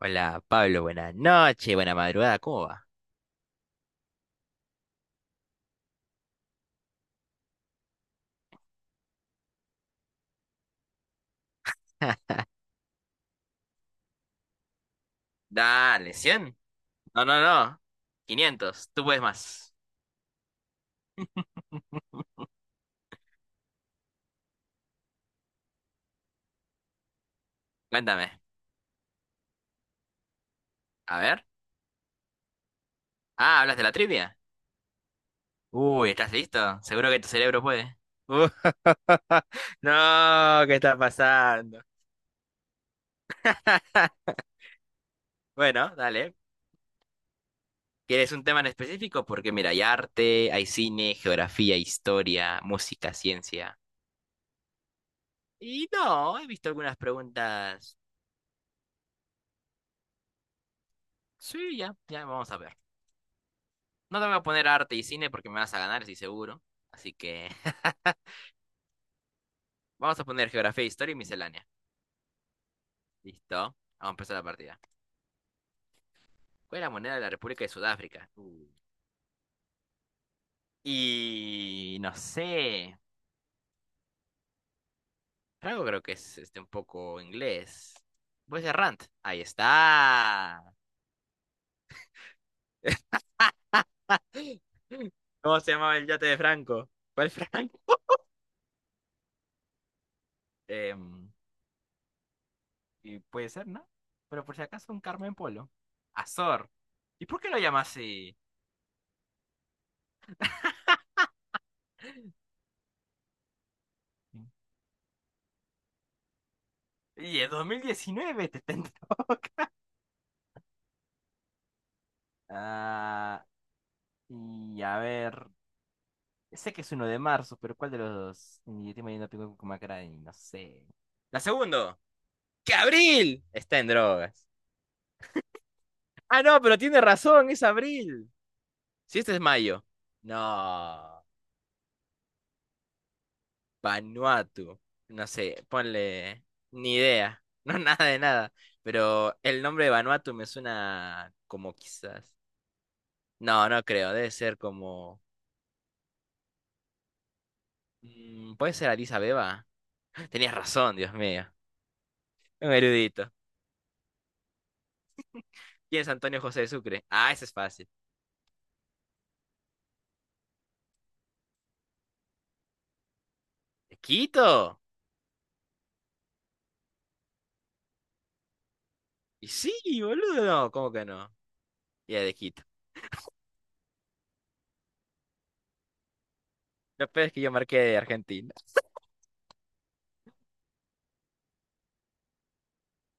Hola, Pablo, buenas noches, buena madrugada, ¿cómo va? Dale, 100, no, no, no. Quinientos. Tú puedes más. Cuéntame. A ver. Ah, ¿hablas de la trivia? Uy, ¿estás listo? Seguro que tu cerebro puede. Uh, no, ¿qué está pasando? Bueno, dale. ¿Quieres un tema en específico? Porque mira, hay arte, hay cine, geografía, historia, música, ciencia. Y no, he visto algunas preguntas. Sí, ya, ya vamos a ver. No te voy a poner arte y cine porque me vas a ganar, estoy seguro. Así que vamos a poner geografía, historia y miscelánea. Listo. Vamos a empezar la partida. ¿Cuál es la moneda de la República de Sudáfrica? Y no sé. Franco creo que es este un poco inglés. Voy a ser Rand. Ahí está. ¿Cómo se llamaba el yate de Franco? ¿Cuál Franco? Em, y puede ser, ¿no? Pero por si acaso un Carmen Polo. Azor. ¿Y por qué lo llamas así? Y es 2019, te está en toca. Ah, y a ver. Sé que es uno de marzo, pero ¿cuál de los dos? Y estoy mañana tengo con Macrani, no sé. La segunda, que abril está en drogas. Ah, no, pero tiene razón, es abril. Si este es mayo. No, Vanuatu. No sé, ponle ni idea. No, nada de nada. Pero el nombre de Vanuatu me suena como quizás. No, no creo, debe ser como mm, puede ser Addis Abeba. Tenías razón, Dios mío. Un erudito. ¿Quién es Antonio José de Sucre? Ah, ese es fácil. ¿De Quito? Y sí, boludo, no, ¿cómo que no? Y de Quito. Lo peor es que yo marqué de Argentina.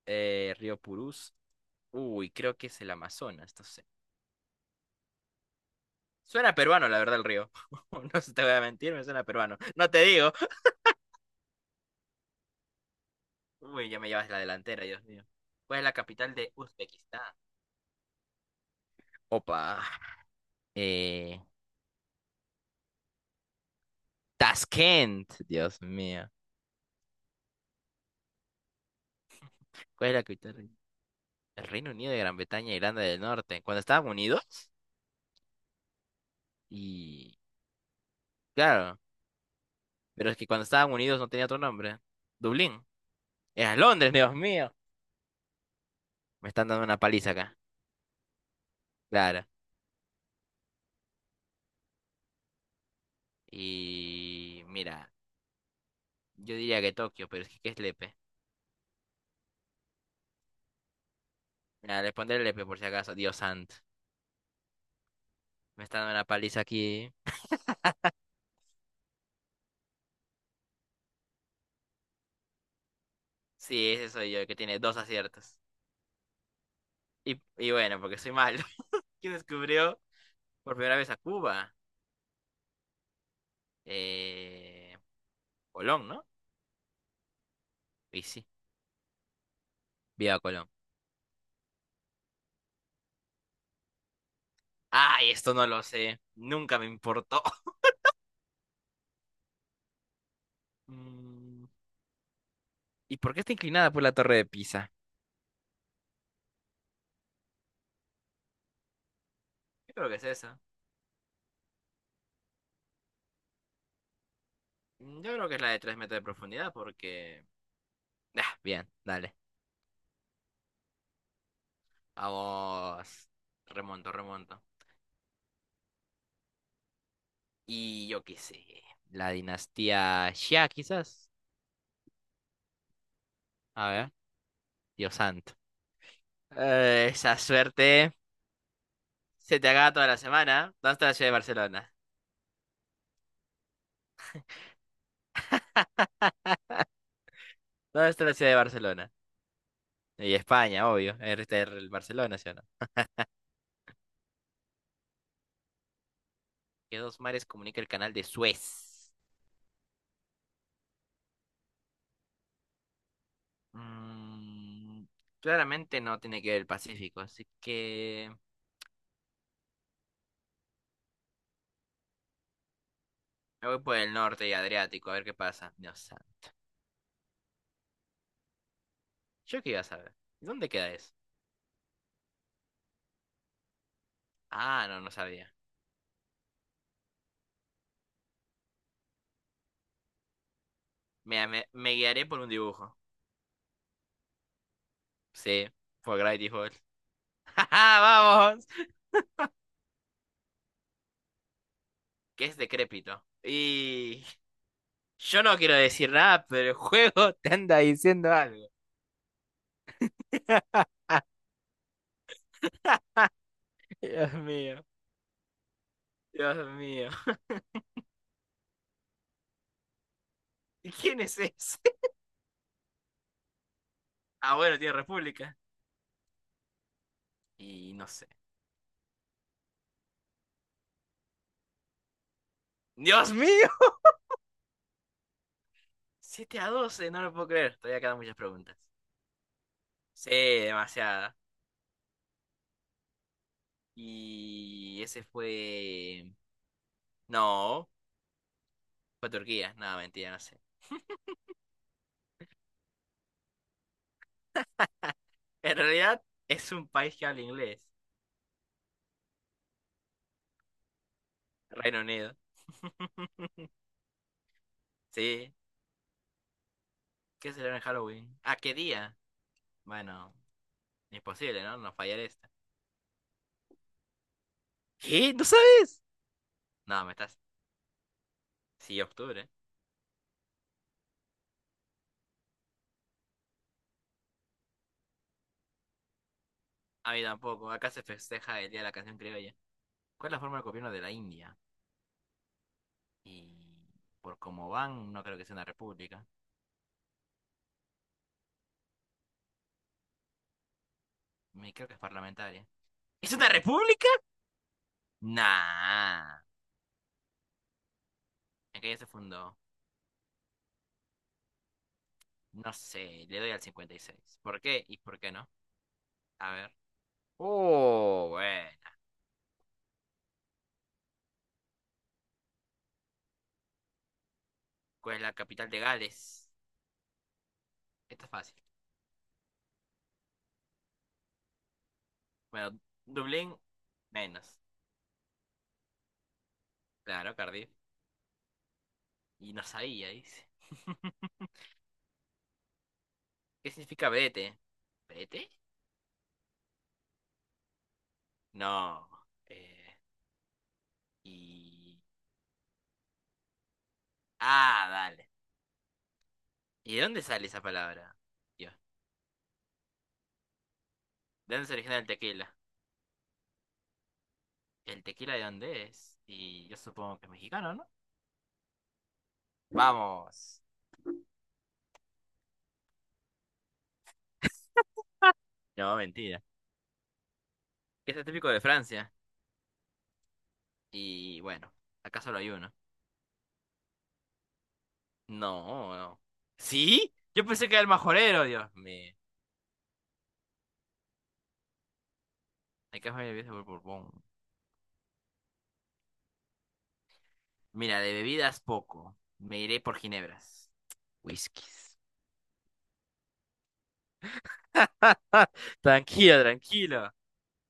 Río Purús. Uy, creo que es el Amazonas, no sé. Suena peruano, la verdad, el río. No se te voy a mentir, me suena peruano. No te digo. Uy, ya me llevas la delantera, Dios mío. ¿Cuál es la capital de Uzbekistán? Opa. Eh, Tashkent, Dios mío. ¿Cuál es la capital? Del El Reino Unido de Gran Bretaña e Irlanda del Norte. Cuando estaban unidos, y claro, pero es que cuando estaban unidos no tenía otro nombre. Dublín. Era Londres, Dios mío. Me están dando una paliza acá. Claro. Y mira, yo diría que Tokio, pero es que ¿qué es Lepe? Mira, le pondré Lepe por si acaso. Dios santo. Me están dando una paliza aquí. Sí, ese soy yo, el que tiene dos aciertos. Y bueno, porque soy malo. ¿Quién descubrió por primera vez a Cuba? Eh, Colón, ¿no? Y sí, viva Colón. Ay, esto no lo sé. Nunca me importó. Mm, ¿y por qué está inclinada por la torre de Pisa? Yo creo que es esa. Mm, yo creo que es la de 3 metros de profundidad porque... Ah, bien, dale. Vamos. Remonto. Y yo qué sé. La dinastía Xia, quizás. A ver, Dios santo. Esa suerte se te haga toda la semana. ¿Dónde está la ciudad de Barcelona? ¿Dónde está la ciudad de Barcelona? Y España, obvio. Este es el Barcelona, ¿sí o no? ¿Qué dos mares comunica el canal de Suez? Mm, claramente no tiene que ver el Pacífico, así que me voy por el norte y Adriático, a ver qué pasa. No sabe. ¿Yo qué iba a saber? ¿Dónde queda eso? Ah, no, no sabía. Mira, me guiaré por un dibujo. Sí, por Gravity Falls. ¡Ja, ja! ¡Vamos! Que es decrépito. Y yo no quiero decir nada, pero el juego te anda diciendo algo. Dios mío, Dios mío. ¿Y quién es ese? Ah, bueno, tiene República. Y no sé. ¡Dios mío! 7-12 no lo puedo creer. Todavía quedan muchas preguntas. Sí, demasiada. Y ese fue... No, fue Turquía. No, mentira, no sé. En realidad es un país que habla inglés. Reino Unido. Sí. ¿Qué será en Halloween? ¿A qué día? Bueno, imposible, ¿no? No fallar esta. ¿Qué? ¿No sabes? No, me estás... Sí, octubre. A mí tampoco. Acá se festeja el Día de la Canción Criolla. ¿Cuál es la forma de gobierno de la India? Y por cómo van, no creo que sea una república. Me creo que es parlamentaria. ¿Es una república? Nah. ¿En qué año se fundó? No sé, le doy al 56. ¿Por qué y por qué no? A ver. Oh, bueno. ¿Cuál es la capital de Gales? Esto es fácil. Bueno, Dublín, menos. Claro, Cardiff. Y no sabía, dice. ¿Qué significa vete? ¿Vete? No. Eh, y... Ah, dale. ¿Y de dónde sale esa palabra? Dios. ¿De dónde se origina el tequila? ¿El tequila de dónde es? Y yo supongo que es mexicano, ¿no? Vamos. No, mentira. Este es típico de Francia. Y bueno, acá solo hay uno. No, no. ¿Sí? Yo pensé que era el majorero, Dios mío. Hay que me bebidas por Borbón. Mira, de bebidas poco. Me iré por ginebras. Whiskies. Ah, tranquilo, tranquilo.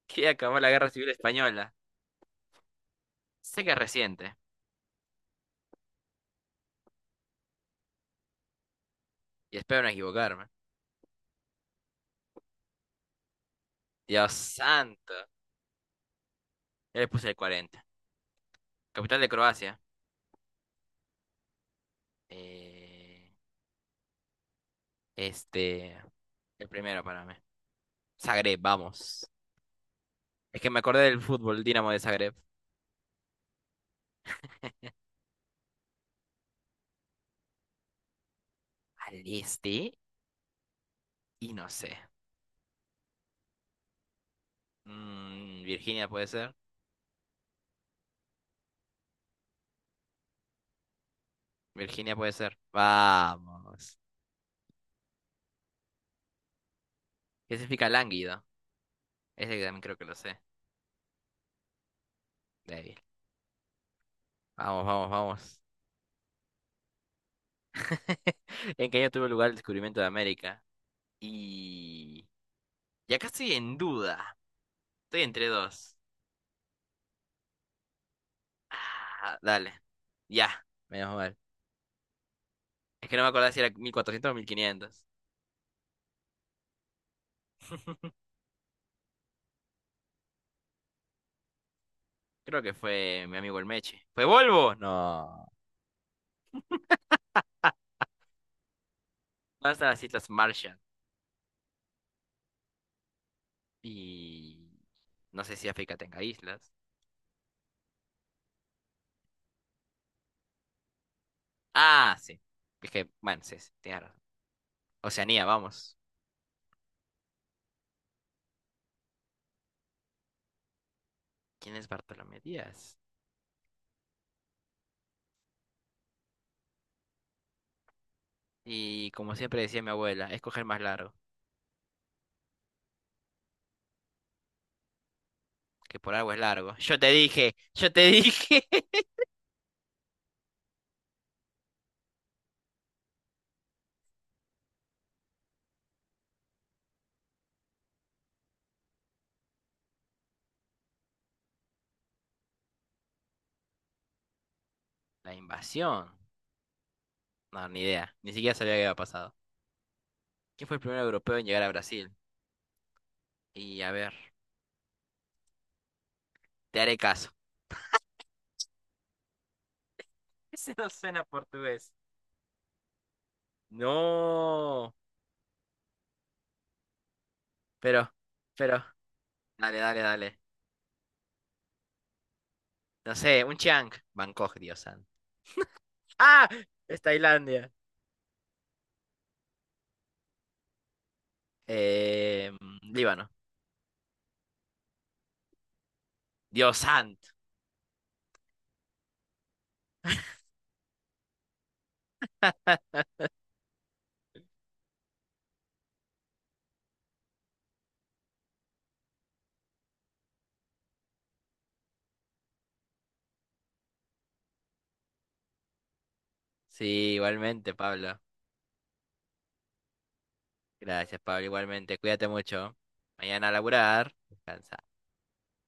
Que acabó la guerra civil española. Sé que es reciente. Y espero no equivocarme. Dios santo. ¿Ya le puse el 40? Capital de Croacia. Eh, este, el primero para mí. Zagreb, vamos. Es que me acordé del fútbol, Dinamo de Zagreb. Al este y no sé. Mm, Virginia puede ser. Virginia puede ser. Vamos. ¿Qué significa lánguido? Ese que también creo que lo sé. Débil. Vamos, vamos, vamos. ¿En qué año tuvo lugar el descubrimiento de América? Y... Y acá estoy en duda. Estoy entre dos. Ah, dale. Ya. Menos mal. Es que no me acordaba si era 1400 o 1500. Creo que fue mi amigo el Meche. ¿Fue Volvo? No. ¿Dónde están las Islas Marshall? Y... No sé si África tenga islas. Ah, sí. Es que, bueno, sí, sí, tienes razón. Oceanía, vamos. ¿Quién es Bartolomé Díaz? Y como siempre decía mi abuela, es coger más largo, que por algo es largo. Yo te dije, yo te dije. La invasión. No, ni idea. Ni siquiera sabía qué había pasado. ¿Quién fue el primer europeo en llegar a Brasil? Y a ver, te haré caso. Ese no suena portugués. No. Pero, pero. Dale, dale, dale. No sé, un Chiang. Bangkok, Dios santo. ¡Ah! Es Tailandia. Eh, Líbano. Dios santo. Sí, igualmente, Pablo. Gracias, Pablo, igualmente. Cuídate mucho. Mañana a laburar. Descansa.